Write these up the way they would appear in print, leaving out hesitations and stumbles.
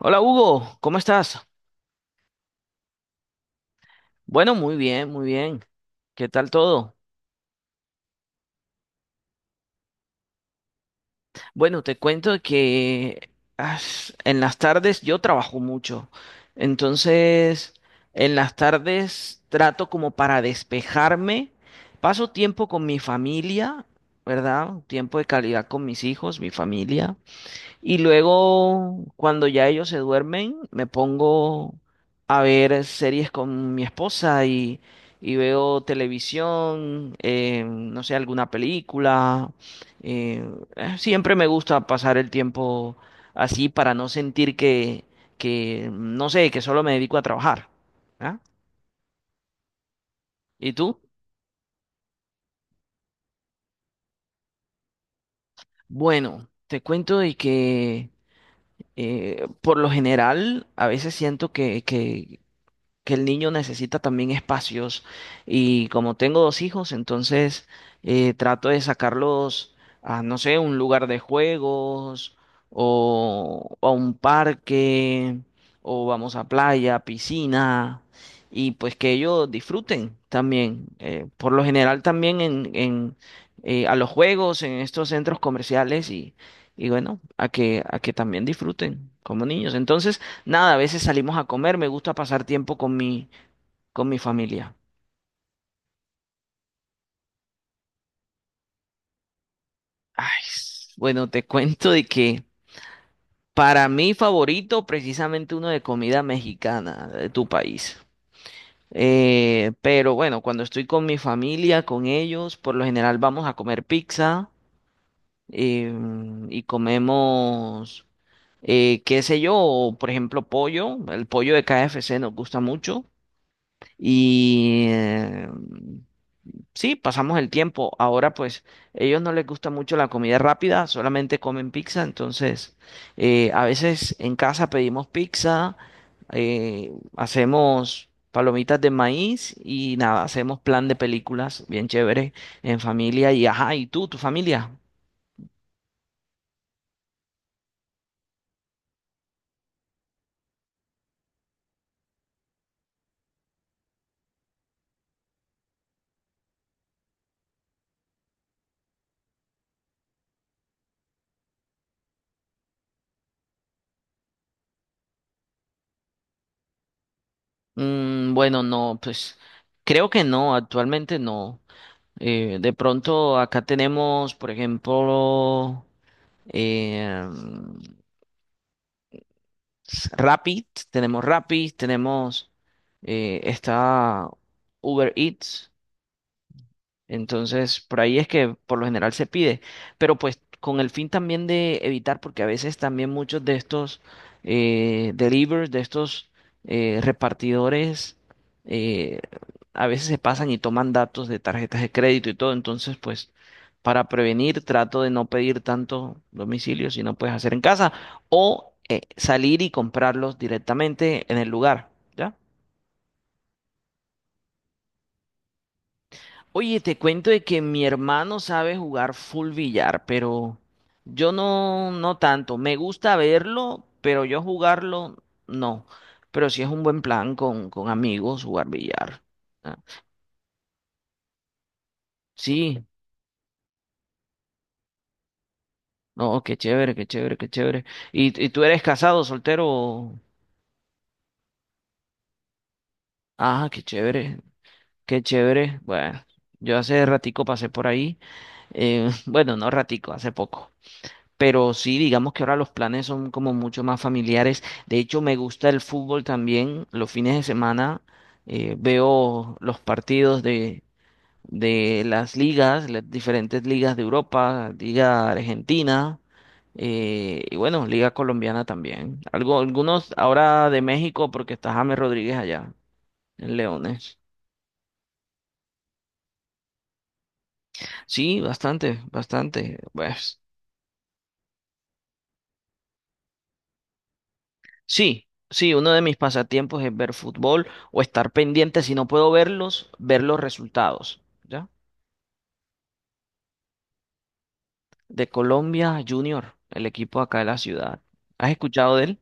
Hola Hugo, ¿cómo estás? Bueno, muy bien, muy bien. ¿Qué tal todo? Bueno, te cuento que en las tardes yo trabajo mucho. Entonces, en las tardes trato como para despejarme. Paso tiempo con mi familia, ¿verdad? Tiempo de calidad con mis hijos, mi familia. Y luego, cuando ya ellos se duermen, me pongo a ver series con mi esposa y veo televisión, no sé, alguna película. eh, Siempre me gusta pasar el tiempo así para no sentir que, no sé, que solo me dedico a trabajar. ¿Ah? ¿Y tú? Bueno, te cuento de que por lo general a veces siento que el niño necesita también espacios, y como tengo dos hijos, entonces trato de sacarlos a, no sé, un lugar de juegos o a un parque, o vamos a playa, piscina, y pues que ellos disfruten también. Por lo general también a los juegos, en estos centros comerciales y bueno, a que también disfruten como niños. Entonces, nada, a veces salimos a comer, me gusta pasar tiempo con con mi familia. Ay, bueno, te cuento de que para mí favorito, precisamente uno de comida mexicana de tu país. Pero bueno, cuando estoy con mi familia, con ellos, por lo general vamos a comer pizza, eh, y comemos, qué sé yo, por ejemplo, pollo. El pollo de KFC nos gusta mucho. Y eh, Sí, pasamos el tiempo. Ahora pues ellos no les gusta mucho la comida rápida, solamente comen pizza, entonces a veces en casa pedimos pizza, hacemos palomitas de maíz y nada, hacemos plan de películas bien chévere en familia y ajá, ¿y tú, tu familia? Mm, bueno, no, pues creo que no, actualmente no. De pronto acá tenemos, por ejemplo, eh, Rappi, tenemos está Uber Eats, entonces, por ahí es que por lo general se pide, pero pues con el fin también de evitar, porque a veces también muchos de estos delivers, de estos repartidores, eh, a veces se pasan y toman datos de tarjetas de crédito y todo. Entonces, pues para prevenir, trato de no pedir tanto domicilio si no puedes hacer en casa o salir y comprarlos directamente en el lugar, ¿ya? Oye, te cuento de que mi hermano sabe jugar full billar, pero yo no, no tanto. Me gusta verlo, pero yo jugarlo no. Pero sí es un buen plan con amigos jugar billar. Ah, sí, no, qué chévere, qué chévere, qué chévere. Y tú eres casado, soltero? Ah, qué chévere, qué chévere. Bueno, yo hace ratico pasé por ahí. Bueno, no ratico, hace poco. Pero sí, digamos que ahora los planes son como mucho más familiares. De hecho, me gusta el fútbol también. Los fines de semana veo los partidos de las ligas, las diferentes ligas de Europa, Liga Argentina, y bueno, Liga Colombiana también. Algo, algunos ahora de México porque está James Rodríguez allá en Leones. Sí, bastante, bastante. Pues. Sí, sí, uno de mis pasatiempos es ver fútbol o estar pendiente, si no puedo verlos, ver los resultados, ¿ya? De Colombia Junior, el equipo acá de la ciudad. ¿Has escuchado de él?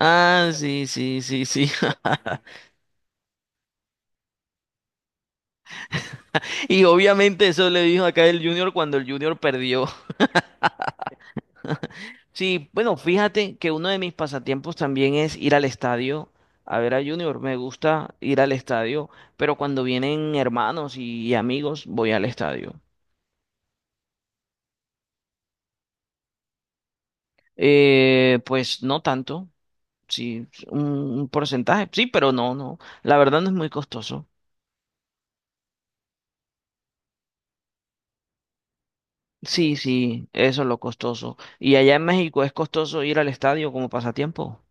Ah, sí, sí, sí, sí. Y obviamente eso le dijo acá el Junior cuando el Junior perdió. Sí, bueno, fíjate que uno de mis pasatiempos también es ir al estadio a ver a Junior. Me gusta ir al estadio, pero cuando vienen hermanos y amigos voy al estadio. Pues no tanto, sí, un porcentaje, sí, pero no, no, la verdad no es muy costoso. Sí, sí, eso es lo costoso. ¿Y allá en México es costoso ir al estadio como pasatiempo?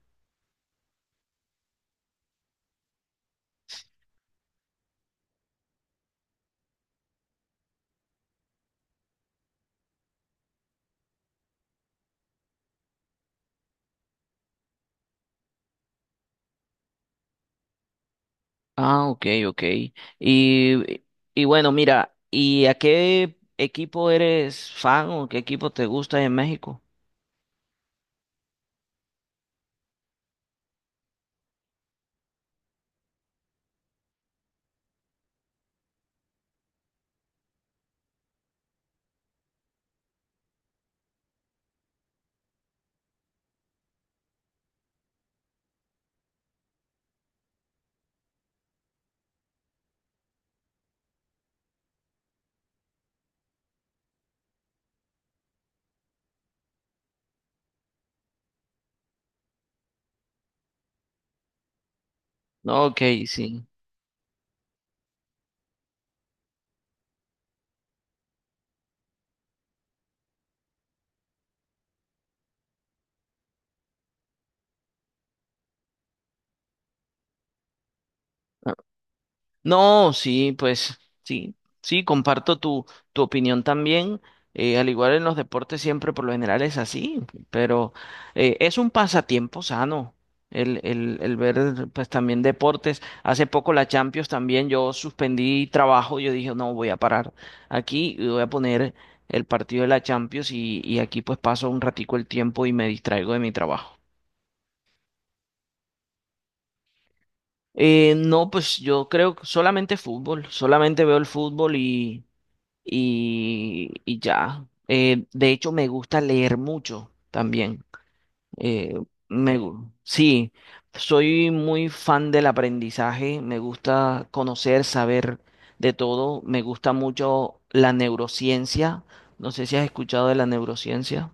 Ah, ok, ok. Y, y bueno, mira, ¿y a qué equipo eres fan o qué equipo te gusta en México? Ok, sí. No, sí, pues sí, sí, comparto tu opinión también. Al igual en los deportes siempre por lo general es así, pero es un pasatiempo sano el ver pues también deportes. Hace poco la Champions también, yo suspendí trabajo, yo dije no, voy a parar aquí y voy a poner el partido de la Champions y aquí pues paso un ratico el tiempo y me distraigo de mi trabajo. No, pues yo creo que solamente fútbol, solamente veo el fútbol y ya. De hecho, me gusta leer mucho también. Eh, sí, soy muy fan del aprendizaje, me gusta conocer, saber de todo, me gusta mucho la neurociencia. No sé si has escuchado de la neurociencia.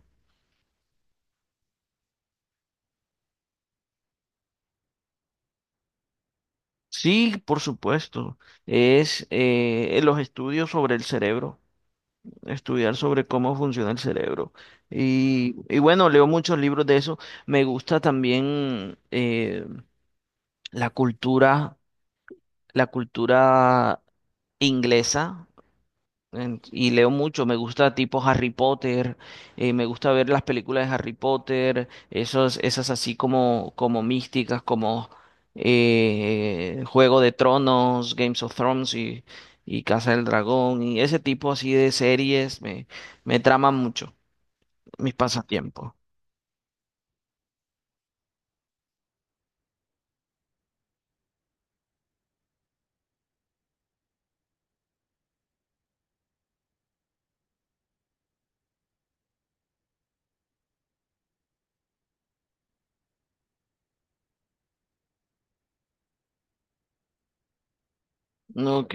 Sí, por supuesto. Es los estudios sobre el cerebro. Estudiar sobre cómo funciona el cerebro. Y bueno, leo muchos libros de eso. Me gusta también la cultura, la cultura inglesa. Y leo mucho, me gusta tipo Harry Potter, me gusta ver las películas de Harry Potter, esas así como, como místicas, como Juego de Tronos, Games of Thrones y Casa del Dragón, y ese tipo así de series me traman mucho. Mis pasatiempos. ¿No? Ok.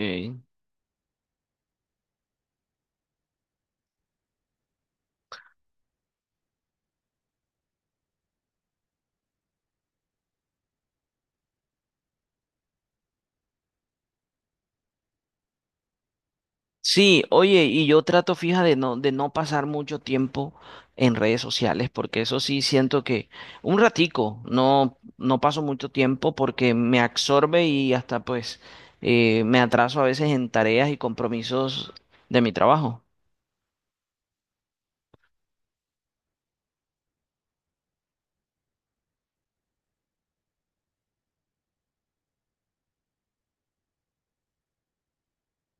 Sí, oye, y yo trato, fija, de no pasar mucho tiempo en redes sociales, porque eso sí siento que un ratico, no, no paso mucho tiempo porque me absorbe y hasta pues me atraso a veces en tareas y compromisos de mi trabajo.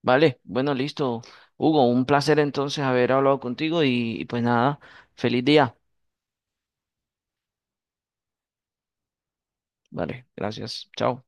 Vale, bueno, listo. Hugo, un placer entonces haber hablado contigo y pues nada, feliz día. Vale, gracias. Chao.